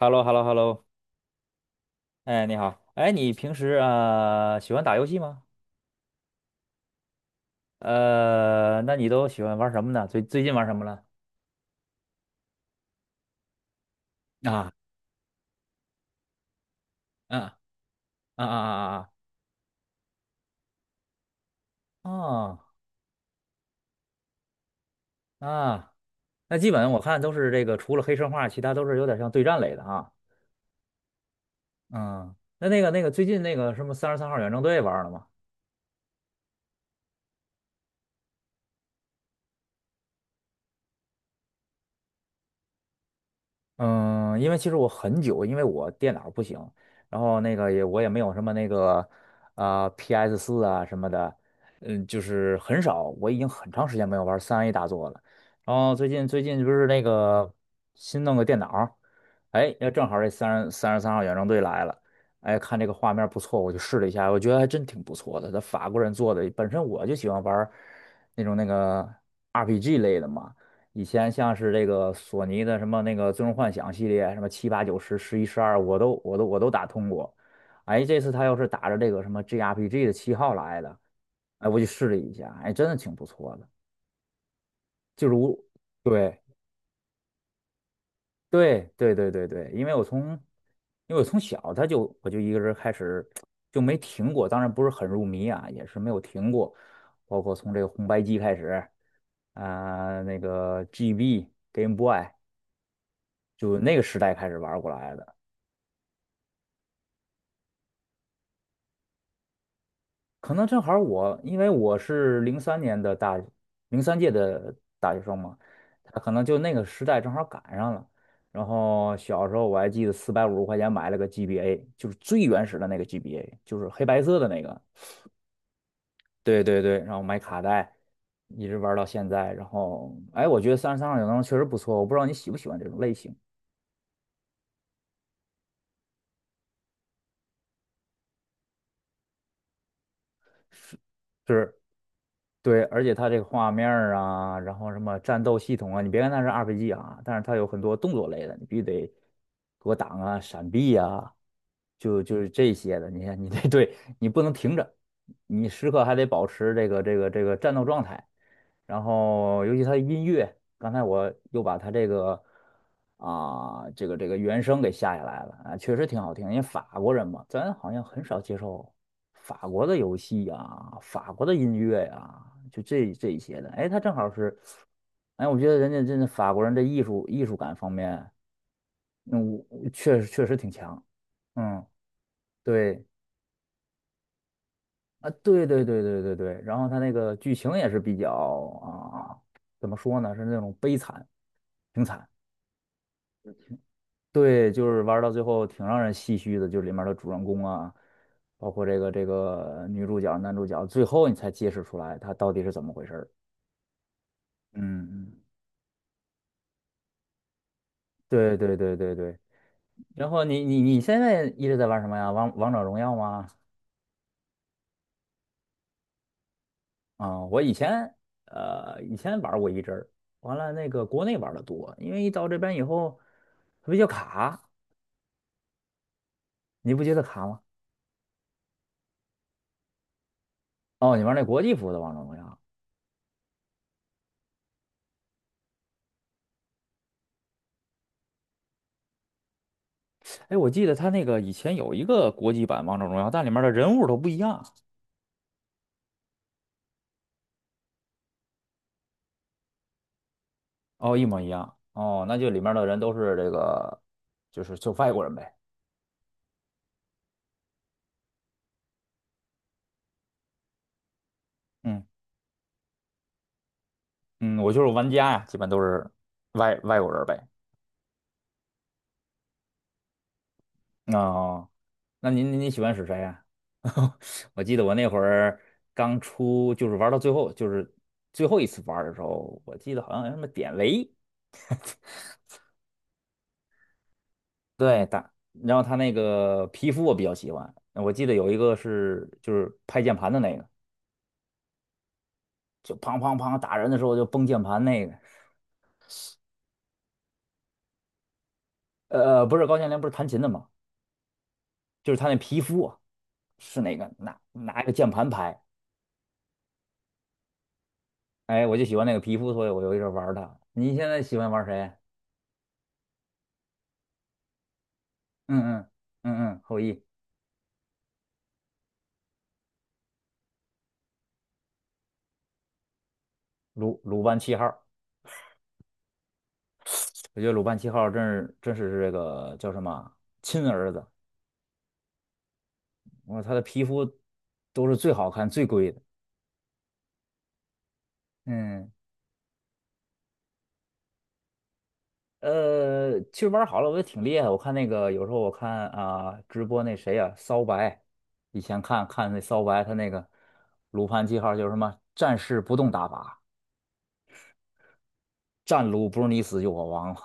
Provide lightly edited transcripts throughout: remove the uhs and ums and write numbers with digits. h e l l o h e l l o h e l l o 哎，你好，哎，你平时啊喜欢打游戏吗？那你都喜欢玩什么呢？最近玩什么了？啊啊啊啊啊！啊！啊啊，那基本我看都是这个，除了黑神话，其他都是有点像对战类的啊。嗯，那个最近那个什么三十三号远征队玩了吗？嗯，因为其实我很久，因为我电脑不行，然后那个也我也没有什么那个啊、PS 四啊什么的，嗯，就是很少，我已经很长时间没有玩三 A 大作了。然后最近不是那个新弄个电脑，哎，要正好这三十三号远征队来了，哎，看这个画面不错，我就试了一下，我觉得还真挺不错的。他法国人做的，本身我就喜欢玩那种那个 RPG 类的嘛。以前像是这个索尼的什么那个《最终幻想》系列，什么七八九十十一十二，我都打通过。哎，这次他要是打着这个什么 G r p g 的旗号来的，哎，我就试了一下，哎，真的挺不错的。就如对对对对对对，因为我从小我就一个人开始就没停过，当然不是很入迷啊，也是没有停过，包括从这个红白机开始。啊、那个 GB Game Boy，就那个时代开始玩过来的。可能正好儿我，因为我是零三年的零三届的大学生嘛，他可能就那个时代正好赶上了。然后小时候我还记得四百五十块钱买了个 GBA，就是最原始的那个 GBA，就是黑白色的那个。对对对，然后买卡带，一直玩到现在。然后，哎，我觉得三十三号小灯确实不错，我不知道你喜不喜欢这种类型。是。对，而且它这个画面儿啊，然后什么战斗系统啊，你别看它是 RPG 啊，但是它有很多动作类的，你必须得躲挡啊、闪避啊，就是这些的。你看，你这 对你不能停着，你时刻还得保持这个战斗状态。然后尤其他的音乐，刚才我又把他这个啊、这个原声给下来了啊，确实挺好听。因为法国人嘛，咱好像很少接受法国的游戏呀、法国的音乐呀、就这一些的。哎，他正好是，哎，我觉得人家真的法国人这艺术感方面，那我确实挺强。嗯，对啊，对对对对对对。然后他那个剧情也是比较啊，怎么说呢，是那种悲惨。挺惨。嗯对，就是玩儿到最后挺让人唏嘘的，就是里面的主人公啊，包括这个女主角、男主角，最后你才揭示出来他到底是怎么回事儿。嗯，嗯对对对对对。然后你现在一直在玩什么呀？王者荣耀吗？啊、我以前玩过一阵儿，完了那个国内玩的多，因为一到这边以后它比较卡，你不觉得卡吗？哦，你玩那国际服的王者荣耀。哎，我记得他那个以前有一个国际版《王者荣耀》，但里面的人物都不一样，哦，一模一样，哦，那就里面的人都是这个，就是就外国人呗，嗯嗯，我就是玩家呀，基本都是外国人呗。哦，那您喜欢使谁呀、我记得我那会儿刚出，就是玩到最后，就是最后一次玩的时候，我记得好像有什么典韦，对打，然后他那个皮肤我比较喜欢，我记得有一个是就是拍键盘的那个。就砰砰砰打人的时候就崩键盘那个，不是高羡林不是弹琴的吗？就是他那皮肤啊，是那个拿一个键盘拍，哎，我就喜欢那个皮肤，所以我就一直玩他。你现在喜欢玩谁啊？嗯嗯嗯嗯，后羿鲁班七号，我觉得鲁班七号真是这个叫什么啊亲儿子，我说他的皮肤都是最好看最贵的，嗯。其实玩好了，我觉得挺厉害。我看那个有时候我看啊、直播那谁呀、骚白，以前看看那骚白他那个鲁班记号就是什么战士不动打法，战鲁不是你死就我亡。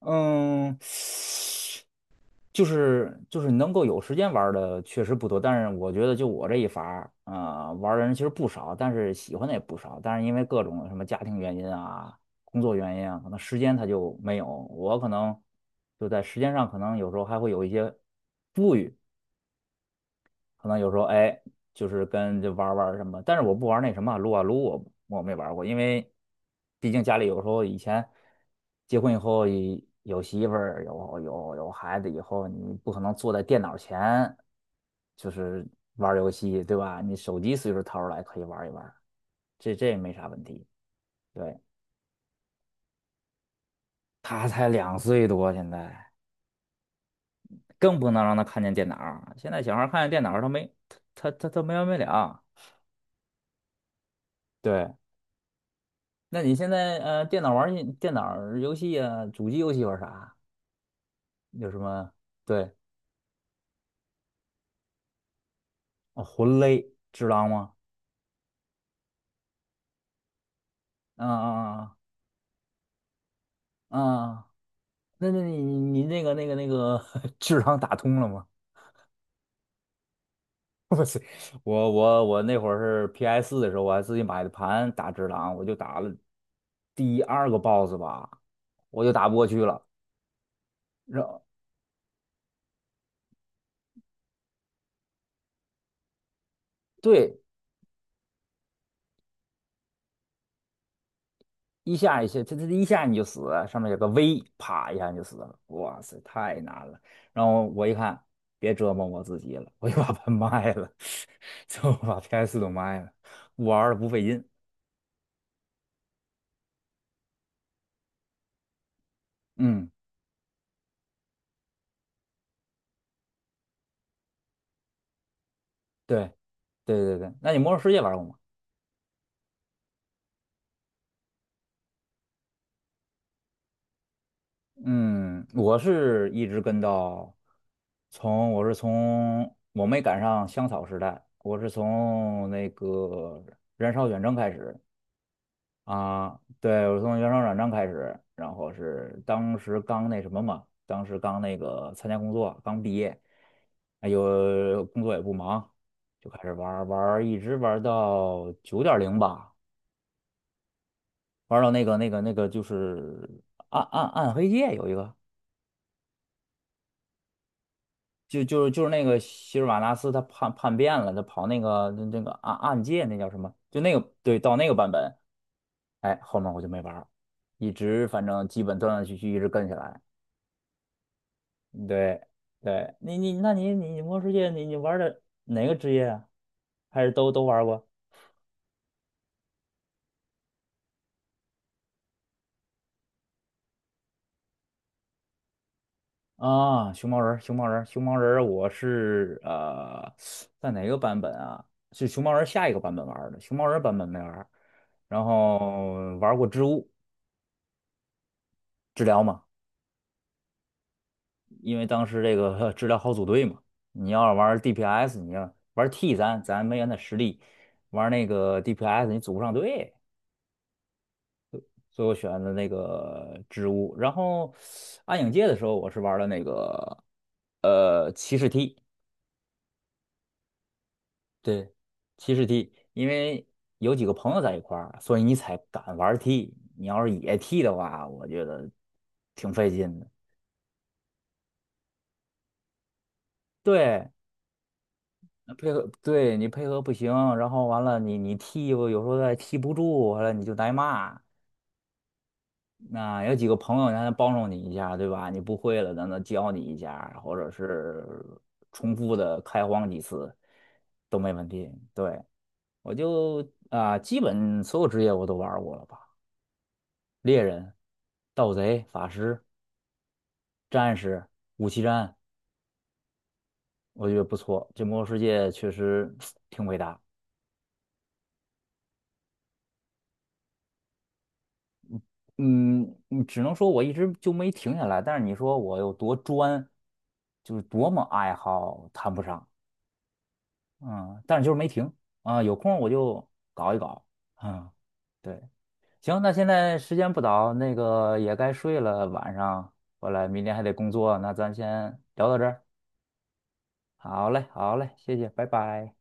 嗯，就是能够有时间玩儿的确实不多，但是我觉得就我这一法儿，啊、玩儿的人其实不少，但是喜欢的也不少，但是因为各种什么家庭原因啊、工作原因啊，可能时间他就没有，我可能就在时间上可能有时候还会有一些富裕，可能有时候哎，就是跟就玩儿玩儿什么，但是我不玩儿那什么撸啊撸，我没玩儿过，因为毕竟家里有时候以前结婚以后以有媳妇儿，有孩子以后，你不可能坐在电脑前就是玩儿游戏，对吧？你手机随时掏出来可以玩儿一玩儿这也没啥问题。对，他才两岁多，现在更不能让他看见电脑儿，现在小孩儿看见电脑儿他没完没了。对。那你现在电脑玩儿电脑儿游戏啊，主机游戏玩儿啥？有什么？对，哦，魂类智狼吗？啊啊啊！啊那你那个 智狼打通了吗？我我那会儿是 PS 四的时候，我还自己买的盘打智狼，我就打了第二个 BOSS 吧，我就打不过去了。然后对，一下一下，它一下你就死，上面有个 V，啪一下你就死了。哇塞，太难了。然后我一看，别折磨我自己了，我就把它卖了，就把 PS 都卖了，玩儿不费劲。嗯，对，对对对。那你《魔兽世界》玩过吗？嗯，我是一直跟到从我没赶上香草时代，我是从那个燃烧远征开始，啊，对，我从原生软装开始，然后是当时刚那什么嘛，当时刚那个参加工作，刚毕业，哎呦，工作也不忙，就开始玩儿玩儿一直玩儿到九点零吧，玩儿到那个就是暗黑界有一个，就是那个希尔瓦纳斯他叛变了，他跑那个那个暗界那叫什么？就那个对，到那个版本，哎，后面我就没玩儿一直反正基本断断续续一直跟下来。对对，那你魔兽世界你玩的哪个职业啊？还是都玩过啊？熊猫人儿我是在哪个版本啊？是熊猫人儿下一个版本玩儿的，熊猫人儿版本没玩儿然后玩过织物治疗嘛，因为当时这个 治疗好组队嘛，你要是玩 DPS，你要玩 T 咱没原的实力，玩那个 DPS 你组不上队。所以我选了那个植物。然后暗影界的时候，我是玩了那个骑士踢，对，骑士踢，因为有几个朋友在一块儿，所以你才敢玩踢。你要是野踢的话，我觉得挺费劲的。对，那配合，对你配合不行，然后完了你踢吧有时候再踢不住，完了你就挨骂。那有几个朋友，他能帮助你一下，对吧？你不会了，让他教你一下，或者是重复的开荒几次都没问题。对，我就啊、基本所有职业我都玩过了吧？猎人、盗贼、法师、战士、武器战，我觉得不错。这魔兽世界确实 挺伟大。嗯，你只能说我一直就没停下来，但是你说我有多专，就是多么爱好，谈不上。嗯，但是就是没停啊，有空我就搞一搞啊。对，行，那现在时间不早，那个也该睡了，晚上回来明天还得工作，那咱先聊到这儿。好嘞，好嘞，谢谢，拜拜。